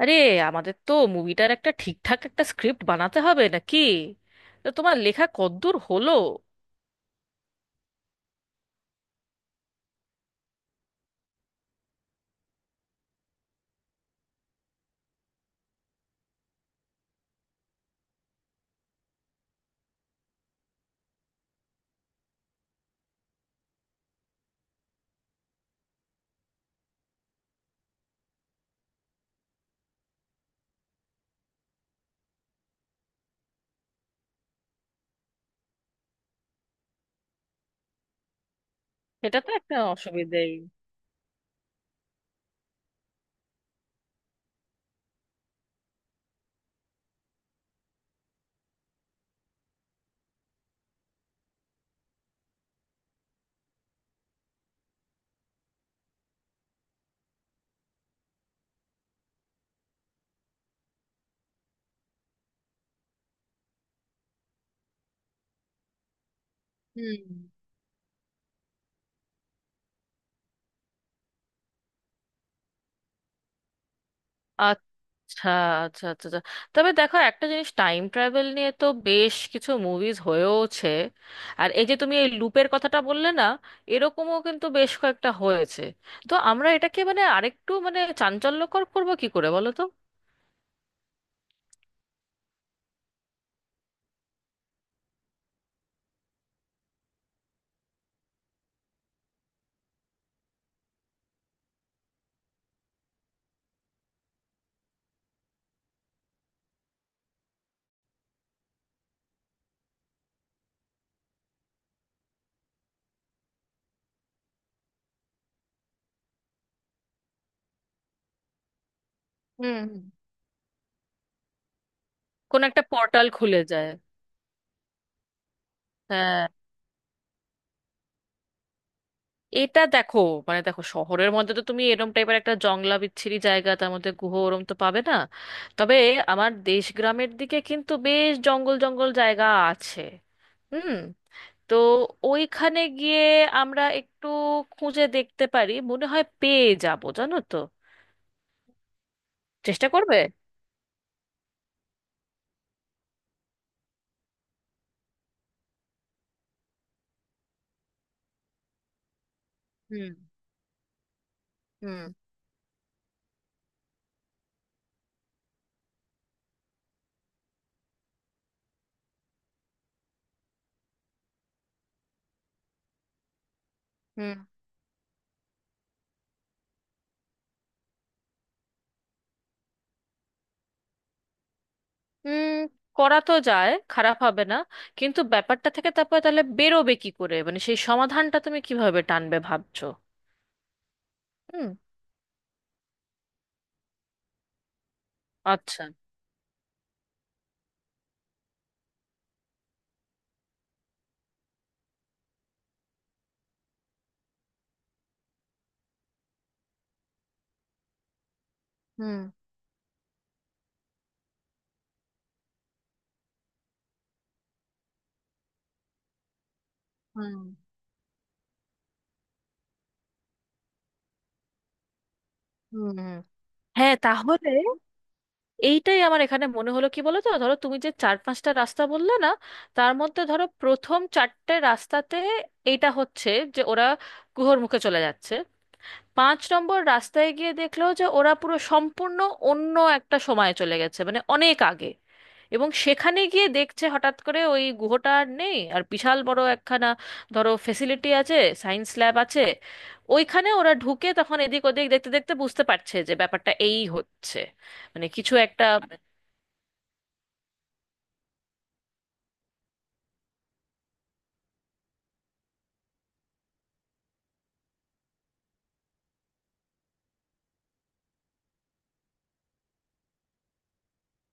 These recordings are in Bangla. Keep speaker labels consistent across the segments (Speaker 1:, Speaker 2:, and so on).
Speaker 1: আরে, আমাদের তো মুভিটার একটা ঠিকঠাক একটা স্ক্রিপ্ট বানাতে হবে নাকি? তো তোমার লেখা কতদূর হলো? সেটা তো একটা অসুবিধেই। হুম। আচ্ছা আচ্ছা আচ্ছা আচ্ছা। তবে দেখো, একটা জিনিস, টাইম ট্রাভেল নিয়ে তো বেশ কিছু মুভিজ হয়েওছে। আর এই যে তুমি এই লুপের কথাটা বললে না, এরকমও কিন্তু বেশ কয়েকটা হয়েছে। তো আমরা এটাকে মানে আরেকটু মানে চাঞ্চল্যকর করবো কি করে বলো তো। হুম হুম। কোন একটা পোর্টাল খুলে যায়। হ্যাঁ, এটা দেখো, মানে দেখো, শহরের মধ্যে তো তুমি এরম টাইপের একটা জংলা বিচ্ছিরি জায়গা, তার মধ্যে গুহ ওরম তো পাবে না। তবে আমার দেশ গ্রামের দিকে কিন্তু বেশ জঙ্গল জঙ্গল জায়গা আছে। হুম। তো ওইখানে গিয়ে আমরা একটু খুঁজে দেখতে পারি, মনে হয় পেয়ে যাব, জানো তো। চেষ্টা করবে। হুম। হুম। হুম হুম। করা তো যায়, খারাপ হবে না। কিন্তু ব্যাপারটা থেকে তারপরে তাহলে বেরোবে কি করে, মানে সেই সমাধানটা তুমি কিভাবে টানবে ভাবছো? হুম। আচ্ছা। হুম হুম হুম হুম। হ্যাঁ, তাহলে এইটাই আমার এখানে মনে হলো, কি বলো তো, ধরো তুমি যে চার পাঁচটা রাস্তা বললে না, তার মধ্যে ধরো প্রথম চারটে রাস্তাতে এইটা হচ্ছে যে ওরা গুহর মুখে চলে যাচ্ছে। পাঁচ নম্বর রাস্তায় গিয়ে দেখলো যে ওরা পুরো সম্পূর্ণ অন্য একটা সময়ে চলে গেছে, মানে অনেক আগে। এবং সেখানে গিয়ে দেখছে হঠাৎ করে ওই গুহটা আর নেই, আর বিশাল বড় একখানা ধরো ফেসিলিটি আছে, সায়েন্স ল্যাব আছে। ওইখানে ওরা ঢুকে তখন এদিক ওদিক দেখতে দেখতে বুঝতে পারছে যে ব্যাপারটা এই হচ্ছে, মানে কিছু একটা।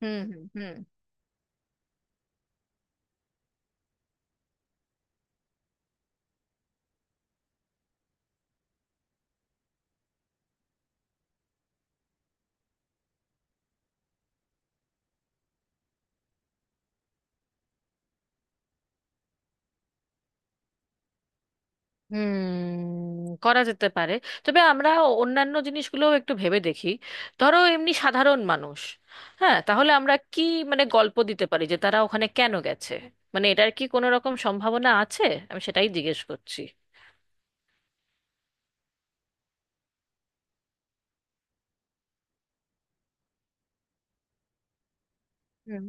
Speaker 1: হুম হুম হুম। হুম, করা যেতে পারে। তবে আমরা অন্যান্য জিনিসগুলো একটু ভেবে দেখি। ধরো এমনি সাধারণ মানুষ। হ্যাঁ, তাহলে আমরা কি মানে গল্প দিতে পারি যে তারা ওখানে কেন গেছে? মানে এটার কি কোনো রকম সম্ভাবনা আছে? আমি সেটাই জিজ্ঞেস করছি। হুম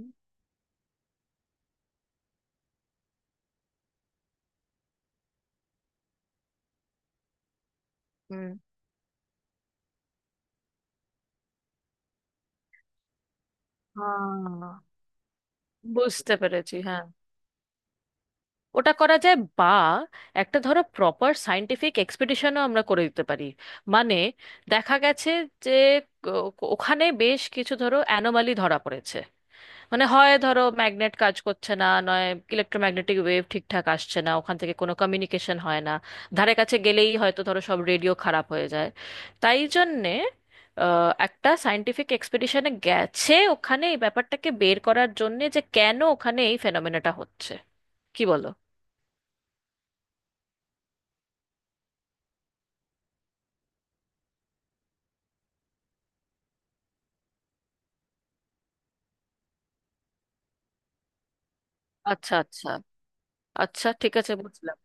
Speaker 1: হুম। আহ, বুঝতে পেরেছি, হ্যাঁ। ওটা করা যায়, বা একটা ধরো প্রপার সায়েন্টিফিক এক্সপিডিশনও আমরা করে দিতে পারি। মানে দেখা গেছে যে ওখানে বেশ কিছু ধরো অ্যানোমালি ধরা পড়েছে। মানে হয় ধরো ম্যাগনেট কাজ করছে না, নয় ইলেকট্রোম্যাগনেটিক ওয়েভ ঠিকঠাক আসছে না, ওখান থেকে কোনো কমিউনিকেশন হয় না, ধারে কাছে গেলেই হয়তো ধরো সব রেডিও খারাপ হয়ে যায়। তাই জন্যে একটা সায়েন্টিফিক এক্সপেডিশনে গেছে ওখানে এই ব্যাপারটাকে বের করার জন্যে যে কেন ওখানে এই ফেনোমেনাটা হচ্ছে। কি বলো? আচ্ছা আচ্ছা। আচ্ছা ঠিক আছে, বুঝলাম।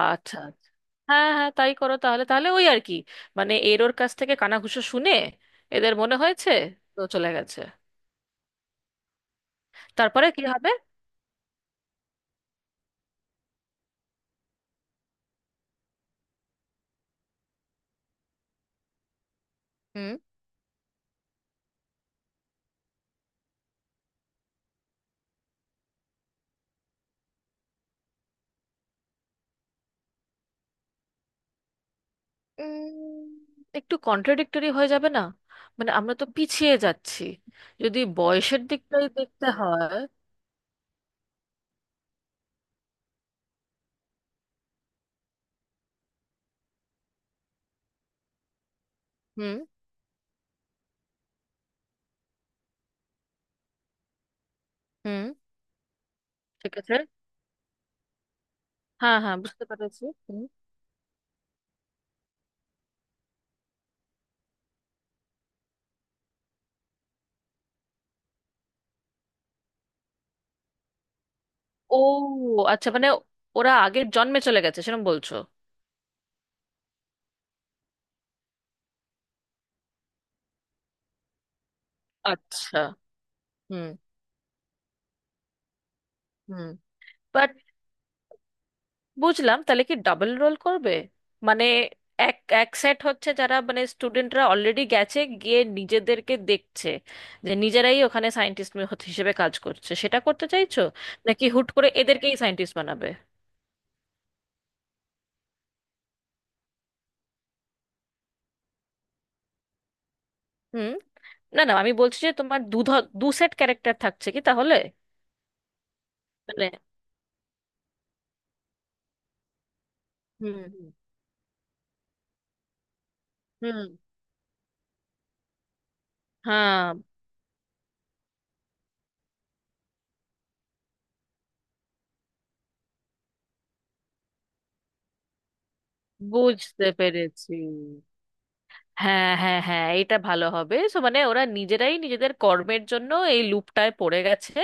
Speaker 1: আচ্ছা আচ্ছা। হ্যাঁ হ্যাঁ, তাই করো তাহলে, তাহলে ওই আর কি, মানে এর ওর কাছ থেকে কানাঘুষো শুনে এদের মনে হয়েছে, তো চলে গেছে। তারপরে কি হবে? হুম। উম, একটু কন্ট্রাডিক্টরি হয়ে যাবে না? মানে আমরা তো পিছিয়ে যাচ্ছি, যদি বয়সের দিকটাই দেখতে হয়। হুম। হুম, ঠিক আছে। হ্যাঁ হ্যাঁ বুঝতে পেরেছি। হুম। ও, আচ্ছা, মানে ওরা আগের জন্মে চলে গেছে সেরকম বলছো? আচ্ছা। হুম হুম। বাট বুঝলাম, তাহলে কি ডাবল রোল করবে? মানে এক এক সেট হচ্ছে, যারা মানে স্টুডেন্টরা অলরেডি গেছে গিয়ে নিজেদেরকে দেখছে যে নিজেরাই ওখানে সায়েন্টিস্ট হিসেবে কাজ করছে, সেটা করতে চাইছো? নাকি হুট করে এদেরকেই সায়েন্টিস্ট বানাবে? হুম। না না, আমি বলছি যে তোমার দু সেট ক্যারেক্টার থাকছে কি তাহলে? মানে। হুম হুম। হ্যাঁ বুঝতে পেরেছি। হ্যাঁ হ্যাঁ হ্যাঁ, এটা ভালো হবে। সো মানে ওরা নিজেরাই নিজেদের কর্মের জন্য এই লুপটায় পড়ে গেছে।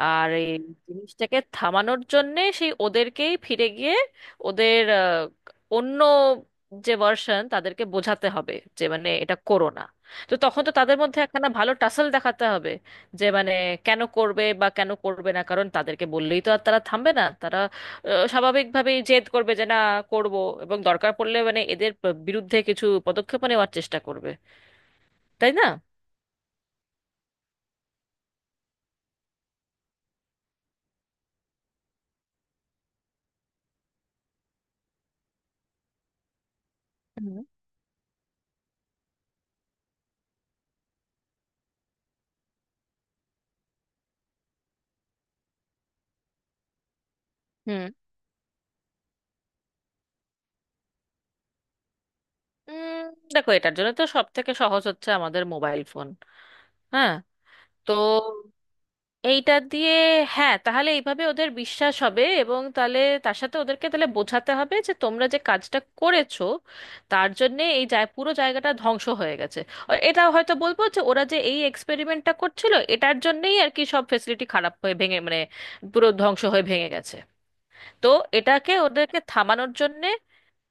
Speaker 1: আর এই জিনিসটাকে থামানোর জন্যে সেই ওদেরকেই ফিরে গিয়ে ওদের অন্য যে ভার্সন, তাদেরকে বোঝাতে হবে যে মানে এটা করো না। তো তখন তো তাদের মধ্যে একখানা ভালো টাসল দেখাতে হবে। যে মানে কেন করবে বা কেন করবে না, কারণ তাদেরকে বললেই তো আর তারা থামবে না, তারা স্বাভাবিকভাবেই জেদ করবে যে না, করব। এবং দরকার পড়লে মানে এদের বিরুদ্ধে কিছু পদক্ষেপ নেওয়ার চেষ্টা করবে। তাই না? হুম। হুম। উম, দেখো, এটার জন্য তো সব থেকে সহজ হচ্ছে আমাদের মোবাইল ফোন। হ্যাঁ। তো এইটা দিয়ে, হ্যাঁ তাহলে এইভাবে ওদের বিশ্বাস হবে। এবং তাহলে তার সাথে ওদেরকে তাহলে বোঝাতে হবে যে তোমরা যে কাজটা করেছো তার জন্য এই যায় পুরো জায়গাটা ধ্বংস হয়ে গেছে। আর এটা হয়তো বলবো যে ওরা যে এই এক্সপেরিমেন্টটা করছিল এটার জন্যই আর কি সব ফেসিলিটি খারাপ হয়ে ভেঙে মানে পুরো ধ্বংস হয়ে ভেঙে গেছে। তো এটাকে, ওদেরকে থামানোর জন্যে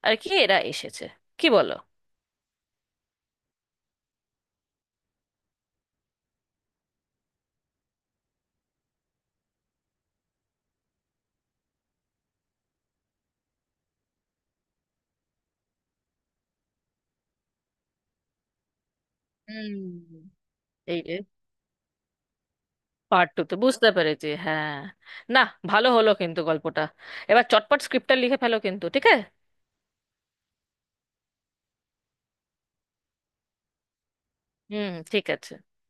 Speaker 1: আর কি এরা এসেছে। কি বলো? হুম। পার্ট টু তে বুঝতে পেরেছি, হ্যাঁ। না, ভালো হলো কিন্তু গল্পটা। এবার চটপট স্ক্রিপ্টটা লিখে ফেলো কিন্তু, ঠিক আছে? হুম, ঠিক আছে।